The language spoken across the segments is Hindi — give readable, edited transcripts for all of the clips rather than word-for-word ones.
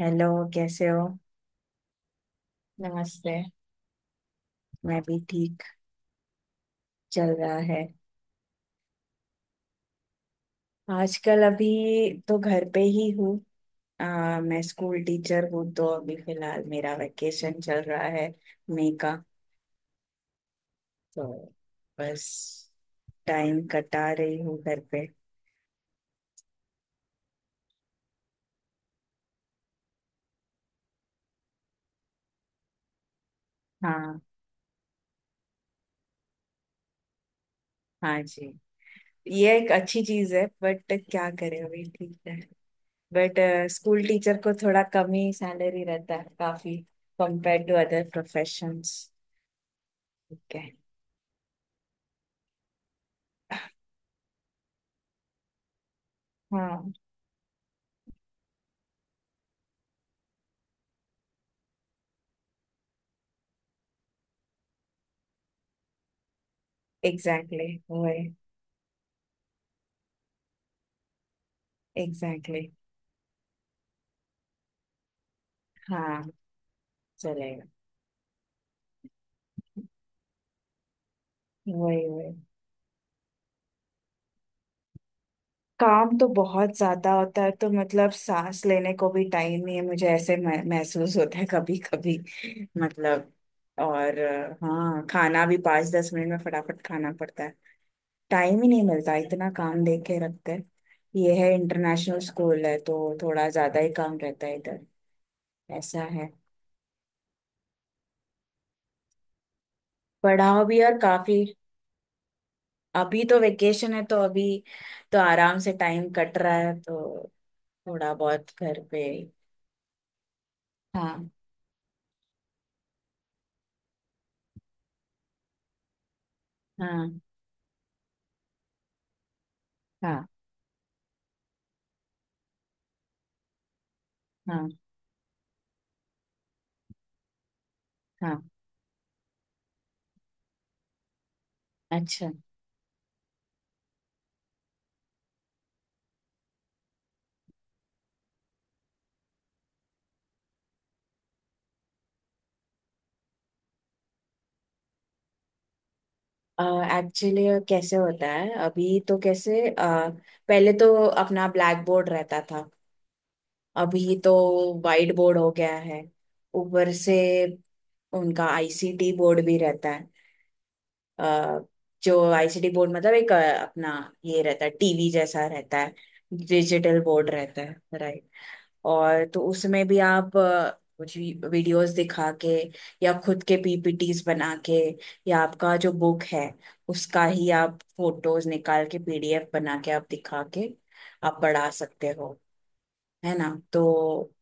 हेलो। कैसे हो। नमस्ते। मैं भी ठीक। चल रहा है। आजकल अभी तो घर पे ही हूँ। मैं स्कूल टीचर हूँ तो अभी फिलहाल मेरा वेकेशन चल रहा है, मई का। तो बस टाइम कटा रही हूँ घर पे। हाँ। हाँ जी, ये एक अच्छी चीज है बट क्या करें, अभी ठीक है। बट स्कूल टीचर को थोड़ा कम ही सैलरी रहता है, काफी कंपेयर टू अदर प्रोफेशंस। ठीक है। हाँ, एग्जैक्टली exactly, वही। Exactly exactly। हाँ। चलेगा। वही वही। काम तो बहुत ज्यादा होता है तो मतलब सांस लेने को भी टाइम नहीं है, मुझे ऐसे महसूस होता है कभी कभी। मतलब और हाँ, खाना भी 5-10 मिनट में फटाफट खाना पड़ता है। टाइम ही नहीं मिलता, इतना काम दे के रखते हैं। ये है इंटरनेशनल स्कूल है तो थोड़ा ज्यादा ही काम रहता है इधर। ऐसा है। पढ़ाओ भी और काफी। अभी तो वेकेशन है तो अभी तो आराम से टाइम कट रहा है तो थोड़ा बहुत घर पे। हाँ। हाँ। हाँ। हाँ। हाँ। अच्छा। एक्चुअली कैसे होता है अभी, तो पहले तो अपना ब्लैक बोर्ड रहता था, अभी तो वाइट बोर्ड हो गया है। ऊपर से उनका आईसीटी बोर्ड भी रहता है। अ, जो आईसीटी बोर्ड मतलब अपना ये रहता है, टीवी जैसा रहता है। डिजिटल बोर्ड रहता है, राइट। और तो उसमें भी आप कुछ वीडियोस दिखा के या खुद के पीपीटीज बना के या आपका जो बुक है उसका ही आप फोटोज निकाल के पीडीएफ बना के आप दिखा के आप पढ़ा सकते हो, है ना। तो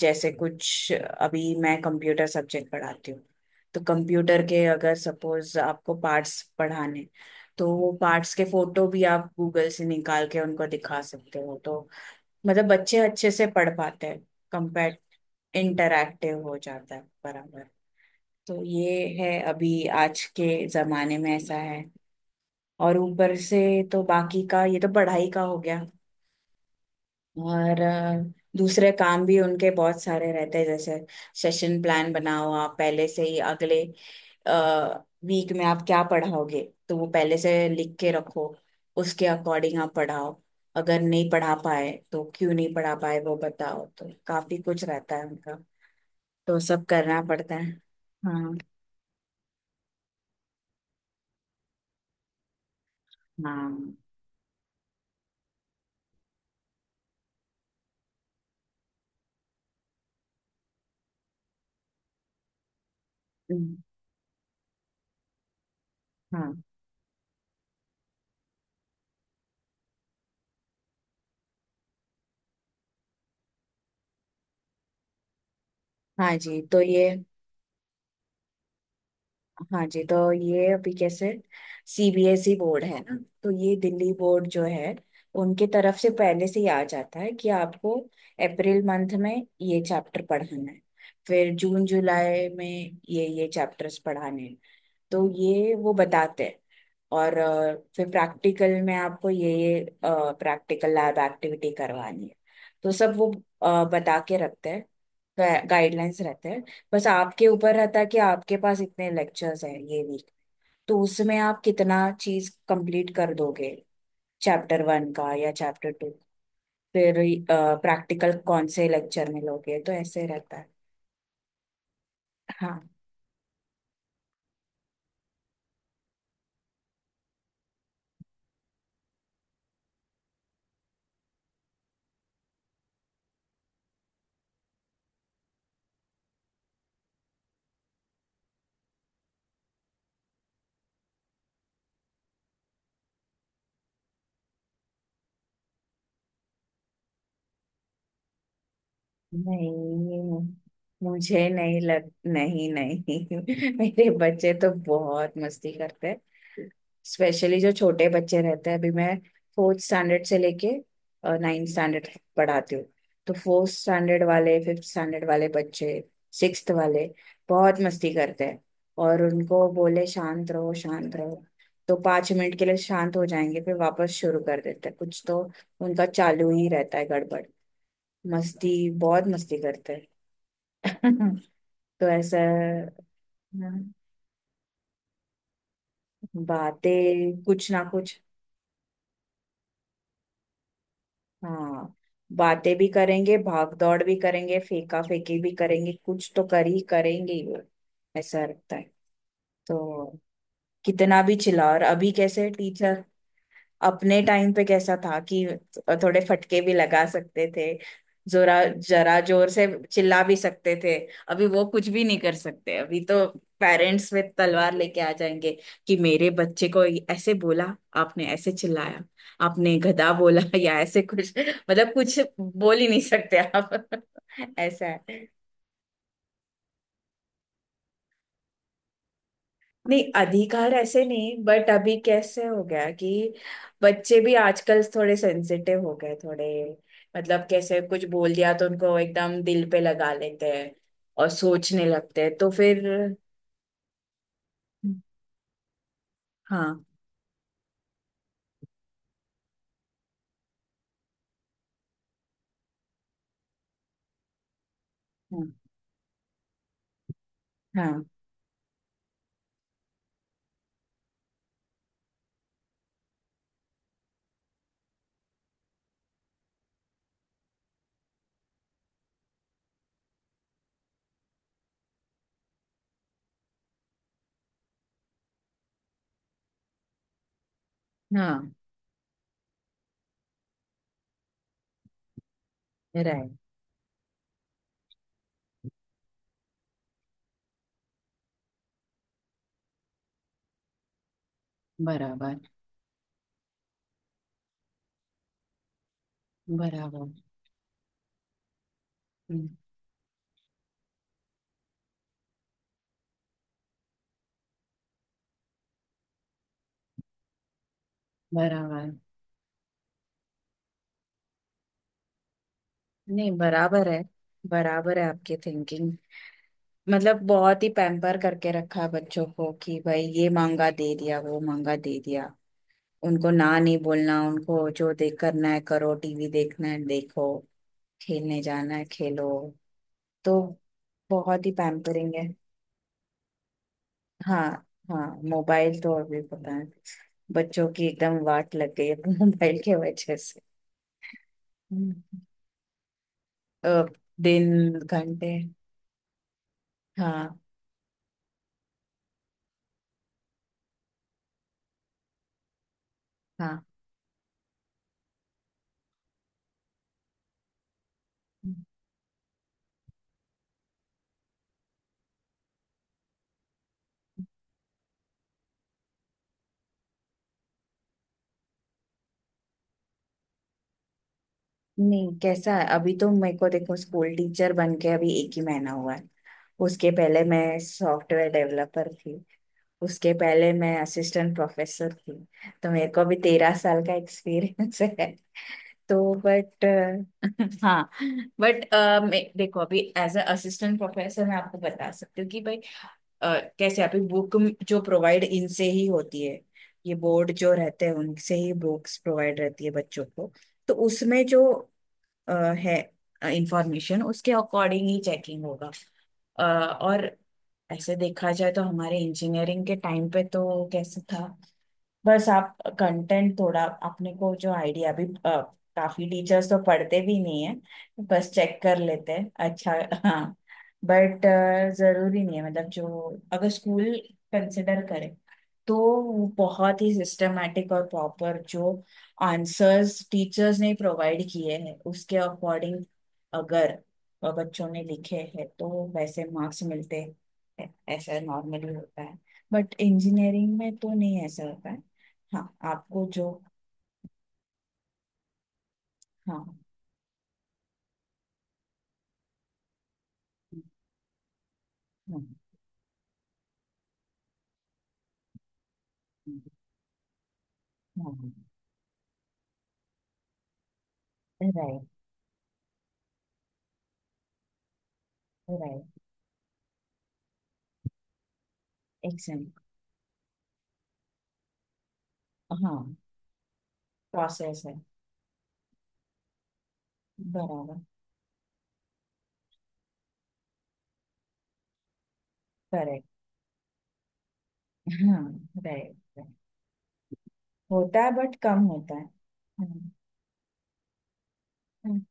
जैसे कुछ अभी मैं कंप्यूटर सब्जेक्ट पढ़ाती हूँ, तो कंप्यूटर के अगर सपोज आपको पार्ट्स पढ़ाने, तो वो पार्ट्स के फोटो भी आप गूगल से निकाल के उनको दिखा सकते हो, तो मतलब बच्चे अच्छे से पढ़ पाते हैं। कंपेयर इंटरैक्टिव हो जाता है, बराबर। तो ये है अभी आज के जमाने में ऐसा है। और ऊपर से तो बाकी का ये तो पढ़ाई का हो गया, और दूसरे काम भी उनके बहुत सारे रहते हैं, जैसे सेशन प्लान बनाओ, आप पहले से ही अगले वीक में आप क्या पढ़ाओगे तो वो पहले से लिख के रखो, उसके अकॉर्डिंग आप पढ़ाओ, अगर नहीं पढ़ा पाए तो क्यों नहीं पढ़ा पाए वो बताओ, तो काफी कुछ रहता है उनका, तो सब करना पड़ता है। हाँ। हाँ। हम्म। हाँ। हाँ जी तो ये हाँ जी तो ये अभी कैसे, सीबीएसई बोर्ड है ना, तो ये दिल्ली बोर्ड जो है उनके तरफ से पहले से ही आ जाता है कि आपको अप्रैल मंथ में ये चैप्टर पढ़ाना है, फिर जून जुलाई में ये चैप्टर्स पढ़ाने हैं, तो ये वो बताते हैं। और फिर प्रैक्टिकल में आपको ये प्रैक्टिकल लैब एक्टिविटी करवानी है, तो सब वो बता के रखते हैं। गाइडलाइंस रहते हैं। बस आपके ऊपर रहता है कि आपके पास इतने लेक्चर्स हैं ये वीक, तो उसमें आप कितना चीज कंप्लीट कर दोगे, चैप्टर 1 का या चैप्टर 2, फिर प्रैक्टिकल कौन से लेक्चर में लोगे, तो ऐसे रहता है। हाँ। नहीं, मुझे नहीं लग नहीं नहीं मेरे बच्चे तो बहुत मस्ती करते हैं। स्पेशली जो छोटे बच्चे रहते हैं, अभी मैं फोर्थ स्टैंडर्ड से लेके नाइन्थ स्टैंडर्ड पढ़ाती हूँ, तो फोर्थ स्टैंडर्ड वाले, फिफ्थ स्टैंडर्ड वाले बच्चे, सिक्स्थ वाले बहुत मस्ती करते हैं। और उनको बोले शांत रहो शांत रहो, तो 5 मिनट के लिए शांत हो जाएंगे, फिर वापस शुरू कर देते हैं कुछ तो। उनका चालू ही रहता है, गड़बड़ मस्ती, बहुत मस्ती करते हैं तो ऐसा। हाँ, बातें कुछ ना कुछ। हाँ, बातें भी करेंगे, भाग दौड़ भी करेंगे, फेंका फेंकी भी करेंगे, कुछ तो कर ही करेंगे ही वो, ऐसा लगता है। तो कितना भी चिल्ला, और अभी कैसे टीचर अपने टाइम पे कैसा था कि थोड़े फटके भी लगा सकते थे, जोरा जरा जोर से चिल्ला भी सकते थे, अभी वो कुछ भी नहीं कर सकते। अभी तो पेरेंट्स में तलवार लेके आ जाएंगे कि मेरे बच्चे को ऐसे बोला, आपने ऐसे चिल्लाया, आपने गधा बोला या ऐसे कुछ, मतलब कुछ बोल ही नहीं सकते आप ऐसा है। नहीं, अधिकार ऐसे नहीं, बट अभी कैसे हो गया कि बच्चे भी आजकल थोड़े सेंसिटिव हो गए, थोड़े मतलब कैसे कुछ बोल दिया तो उनको एकदम दिल पे लगा लेते हैं, और सोचने लगते हैं, तो फिर। हम्म। हाँ। हम्म। हाँ। हाँ। राइट। बराबर। बराबर। हम्म। बराबर। नहीं बराबर है, बराबर है आपकी थिंकिंग। मतलब बहुत ही पैम्पर करके रखा है बच्चों को, कि भाई ये मांगा दे दिया, वो मांगा दे दिया, उनको ना नहीं बोलना, उनको जो देख करना है करो, टीवी देखना है देखो, खेलने जाना है खेलो, तो बहुत ही पैम्परिंग है। हाँ। हाँ, मोबाइल तो अभी पता है, बच्चों की एकदम वाट लग गई है मोबाइल के वजह से। हम्म। अ, दिन घंटे। हाँ। हाँ, नहीं कैसा है अभी तो, मेरे को देखो स्कूल टीचर बन के अभी एक ही महीना हुआ है, उसके पहले मैं सॉफ्टवेयर डेवलपर थी, उसके पहले मैं असिस्टेंट प्रोफेसर थी, तो मेरे को अभी 13 साल का एक्सपीरियंस है, तो बट हाँ, बट मैं देखो अभी एज अ असिस्टेंट प्रोफेसर मैं आपको बता सकती हूँ कि भाई कैसे अभी बुक जो प्रोवाइड इनसे ही होती है, ये बोर्ड जो रहते हैं उनसे ही बुक्स प्रोवाइड रहती है बच्चों को, तो उसमें जो अ, है इंफॉर्मेशन उसके अकॉर्डिंग ही चेकिंग होगा। और ऐसे देखा जाए तो हमारे इंजीनियरिंग के टाइम पे तो कैसे था, बस आप कंटेंट थोड़ा अपने को जो आइडिया भी काफी टीचर्स तो पढ़ते भी नहीं है, बस चेक कर लेते हैं। अच्छा। हाँ, बट जरूरी नहीं है, मतलब जो, अगर स्कूल कंसिडर करें, तो वो बहुत ही सिस्टमेटिक और प्रॉपर जो आंसर्स टीचर्स ने प्रोवाइड किए हैं उसके अकॉर्डिंग अगर बच्चों ने लिखे हैं तो वैसे मार्क्स मिलते हैं, ऐसा नॉर्मली होता है, बट इंजीनियरिंग में तो नहीं ऐसा होता है। हाँ। आपको जो, हाँ, हाँ, हाँ, राइट, राइट, एक्शन हाँ, प्रोसेस है, बराबर, करेक्ट। हाँ, राइट राइट, होता है बट कम होता है। हाँ। हाँ।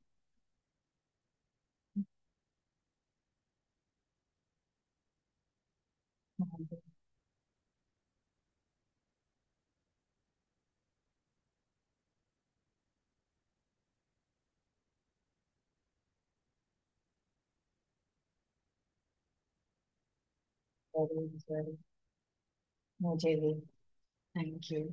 हाँ, जरूर जरूर, मुझे भी, थैंक यू।